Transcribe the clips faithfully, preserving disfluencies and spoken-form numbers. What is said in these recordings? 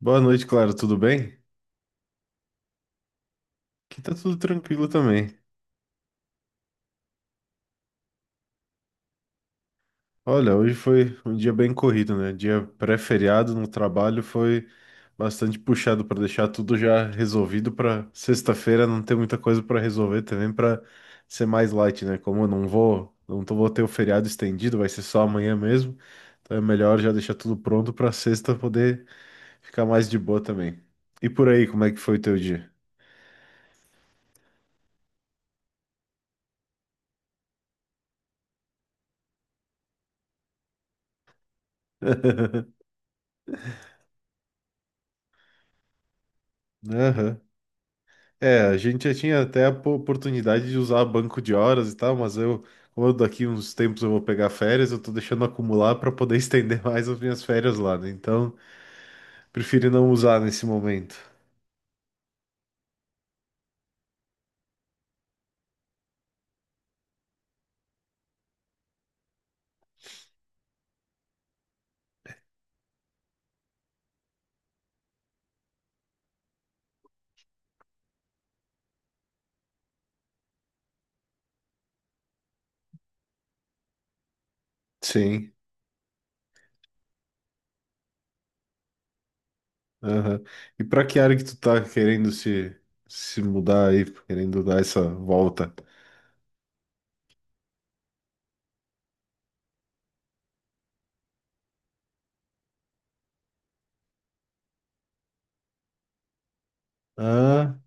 Boa noite, Clara, tudo bem? Aqui tá tudo tranquilo também. Olha, hoje foi um dia bem corrido, né? Dia pré-feriado no trabalho foi bastante puxado para deixar tudo já resolvido para sexta-feira não ter muita coisa para resolver também para ser mais light, né? Como eu não vou, não tô, vou ter o feriado estendido, vai ser só amanhã mesmo. Então é melhor já deixar tudo pronto para sexta poder ficar mais de boa também. E por aí, como é que foi o teu dia? Aham. É, a gente já tinha até a po- oportunidade de usar banco de horas e tal, mas eu, como eu daqui uns tempos eu vou pegar férias, eu tô deixando acumular para poder estender mais as minhas férias lá, né? Então, prefiro não usar nesse momento. Sim. Aham. E para que área que tu tá querendo se se mudar aí, querendo dar essa volta? Ah.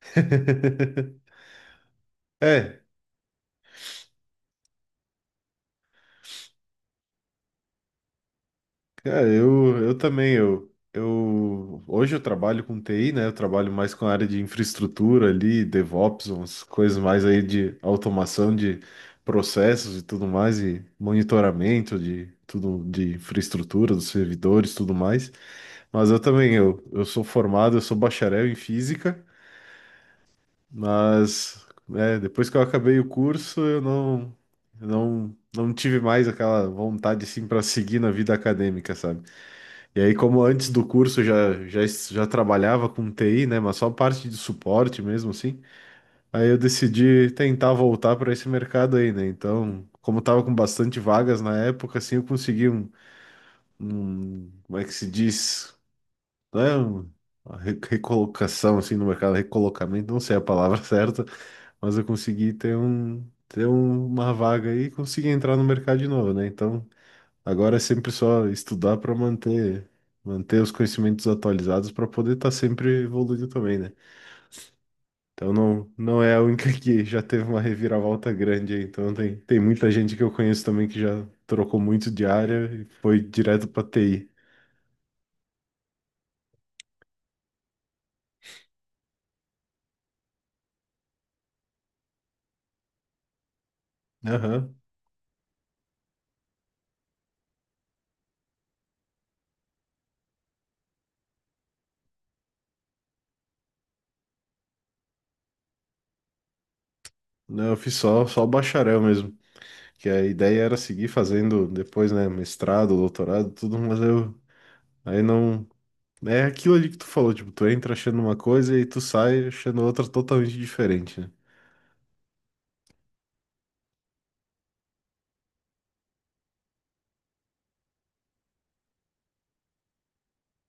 É, cara, eu, eu também, eu, eu hoje eu trabalho com T I, né? Eu trabalho mais com a área de infraestrutura ali, DevOps, umas coisas mais aí de automação de processos e tudo mais, e monitoramento de tudo de infraestrutura, dos servidores, tudo mais. Mas eu também, eu, eu sou formado, eu sou bacharel em física, mas né, depois que eu acabei o curso, eu não, eu não, não tive mais aquela vontade assim para seguir na vida acadêmica, sabe? E aí, como antes do curso já, já, es- já trabalhava com T I, né? Mas só parte de suporte mesmo, assim. Aí eu decidi tentar voltar para esse mercado aí, né? Então, como tava com bastante vagas na época, assim, eu consegui um, um- como é que se diz? Não é um- uma re- recolocação, assim, no mercado, recolocamento, não sei a palavra certa, mas eu consegui ter um, ter um- uma vaga aí e consegui entrar no mercado de novo, né? Então, agora é sempre só estudar para manter manter os conhecimentos atualizados para poder estar sempre evoluindo também, né? Então não não é a única que já teve uma reviravolta grande aí. Então tem tem muita gente que eu conheço também que já trocou muito de área e foi direto para T I. Aham. Não, eu fiz só só bacharel mesmo, que a ideia era seguir fazendo depois, né, mestrado, doutorado, tudo, mas eu aí não é aquilo ali que tu falou, tipo, tu entra achando uma coisa e tu sai achando outra totalmente diferente, né?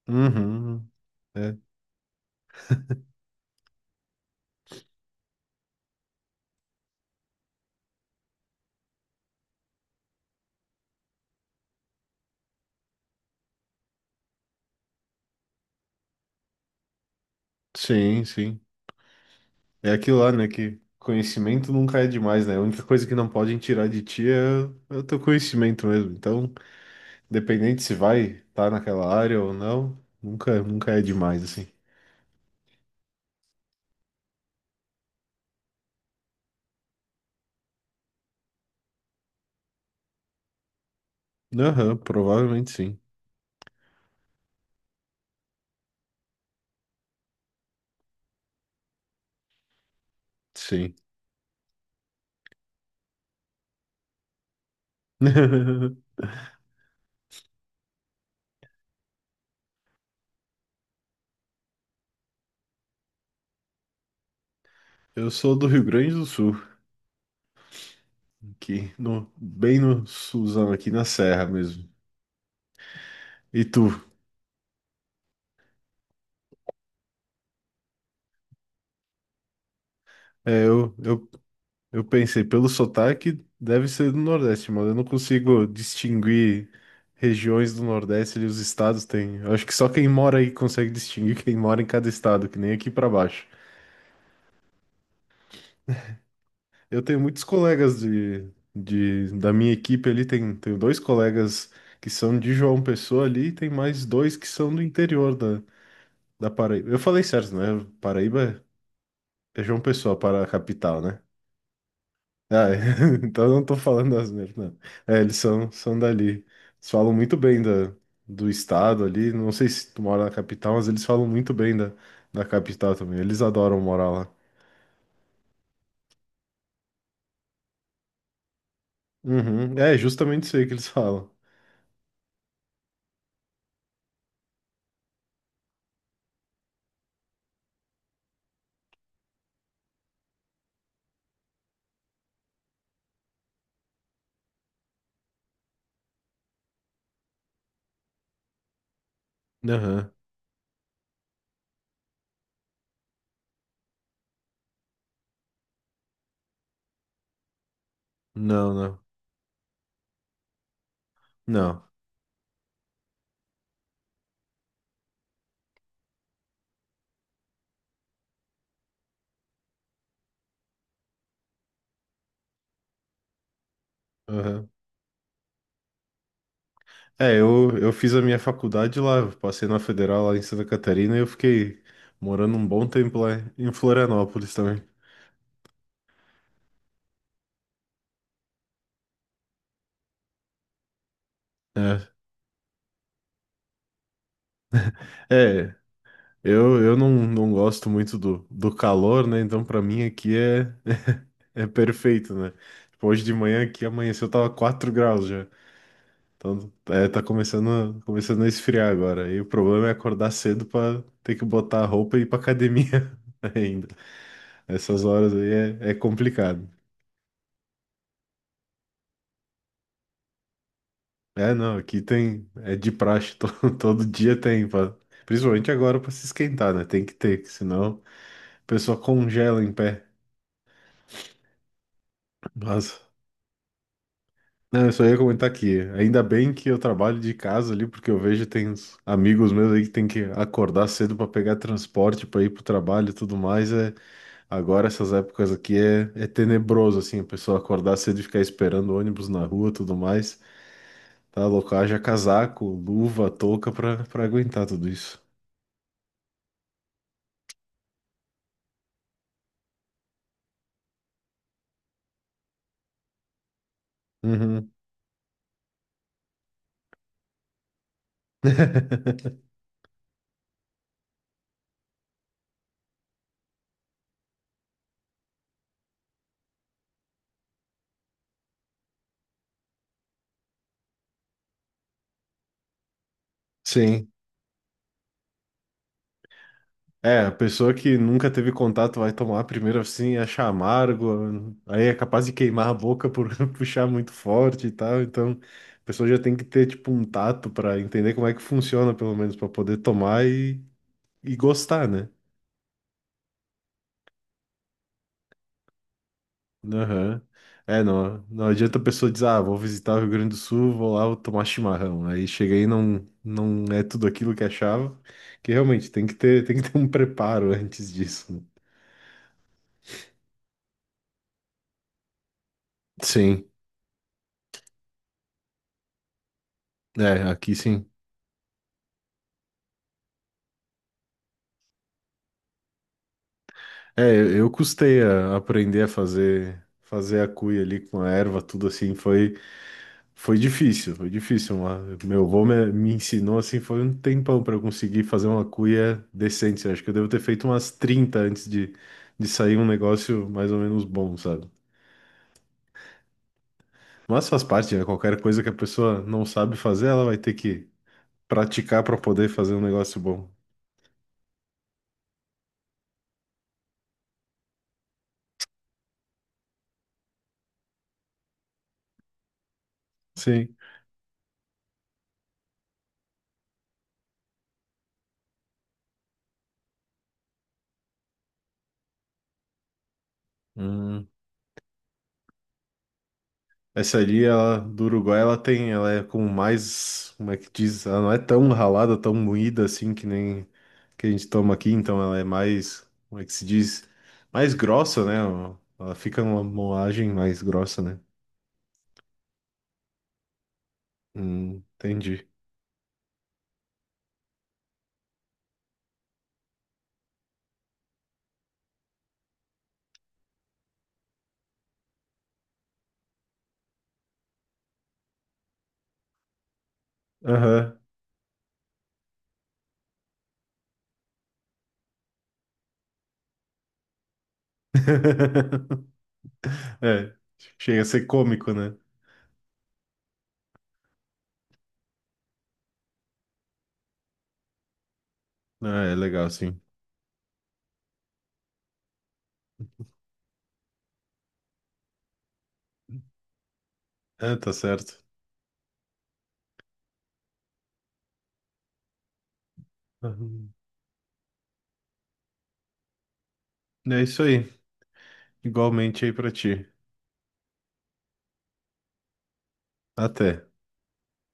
Uhum. É. Sim, sim. É aquilo lá, né? Que conhecimento nunca é demais, né? A única coisa que não podem tirar de ti é, é o teu conhecimento mesmo. Então, independente se vai estar naquela área ou não, nunca, nunca é demais, assim. Aham, provavelmente sim. Sim. Eu sou do Rio Grande do Sul, aqui no, bem no Suzão, aqui na Serra mesmo. E tu? É, eu, eu Eu pensei, pelo sotaque, deve ser do Nordeste, mano. Eu não consigo distinguir regiões do Nordeste ali, os estados têm. Eu acho que só quem mora aí consegue distinguir quem mora em cada estado, que nem aqui pra baixo. Eu tenho muitos colegas de, de, da minha equipe ali, tem, tenho dois colegas que são de João Pessoa ali, e tem mais dois que são do interior da, da Paraíba. Eu falei certo, né? Paraíba é João Pessoa, para a capital, né? Ah, então eu não tô falando asneira, não. É, eles são, são dali. Eles falam muito bem da, do estado ali. Não sei se tu mora na capital, mas eles falam muito bem da, da capital também. Eles adoram morar lá. Uhum. É, justamente isso aí que eles falam. Aham. Não, não. Não. Aham. É, eu, eu fiz a minha faculdade lá, eu passei na Federal lá em Santa Catarina e eu fiquei morando um bom tempo lá em Florianópolis também. É. É, Eu, eu não, não gosto muito do, do calor, né? Então, pra mim aqui é, é perfeito, né? Tipo, hoje de manhã aqui amanheceu, tava quatro graus já. Então, é, tá começando, começando a esfriar agora. E o problema é acordar cedo pra ter que botar a roupa e ir pra academia ainda. Essas horas aí é, é complicado. É, não, aqui tem, é de praxe, to- todo dia tem, pra, principalmente agora pra se esquentar, né? Tem que ter, que senão a pessoa congela em pé. Mas não, eu só ia comentar aqui. Ainda bem que eu trabalho de casa ali, porque eu vejo tem uns amigos meus aí que tem que acordar cedo para pegar transporte para ir pro trabalho e tudo mais. É, agora essas épocas aqui é, é tenebroso assim, a pessoa acordar cedo e ficar esperando ônibus na rua, e tudo mais. Tá louco, haja casaco, luva, touca para para aguentar tudo isso. Uhum. Sim. É, a pessoa que nunca teve contato vai tomar primeiro assim, achar amargo, aí é capaz de queimar a boca por puxar muito forte e tal. Então, a pessoa já tem que ter tipo um tato para entender como é que funciona, pelo menos para poder tomar e, e gostar, né? Aham. É, não, não adianta a pessoa dizer, ah, vou visitar o Rio Grande do Sul, vou lá, vou tomar chimarrão. Aí chega aí e não não é tudo aquilo que achava, que realmente tem que ter tem que ter um preparo antes disso, né? Sim, é, aqui sim. É, eu eu custei a aprender a fazer fazer a cuia ali com a erva, tudo assim, foi foi difícil, foi difícil, mas meu avô me, me ensinou assim, foi um tempão para eu conseguir fazer uma cuia decente. Acho que eu devo ter feito umas trinta antes de, de sair um negócio mais ou menos bom, sabe? Mas faz parte, né? Qualquer coisa que a pessoa não sabe fazer, ela vai ter que praticar para poder fazer um negócio bom. Sim. Hum. Essa ali, ela, do Uruguai, ela tem, ela é como mais, como é que diz? Ela não é tão ralada, tão moída assim que nem que a gente toma aqui, então ela é mais, como é que se diz? Mais grossa, né? Ela fica numa moagem mais grossa, né? Hum, entendi. Aham. É, chega a ser cômico, né? Ah, é legal, sim. É, tá certo. Uhum. É isso aí. Igualmente aí pra ti. Até.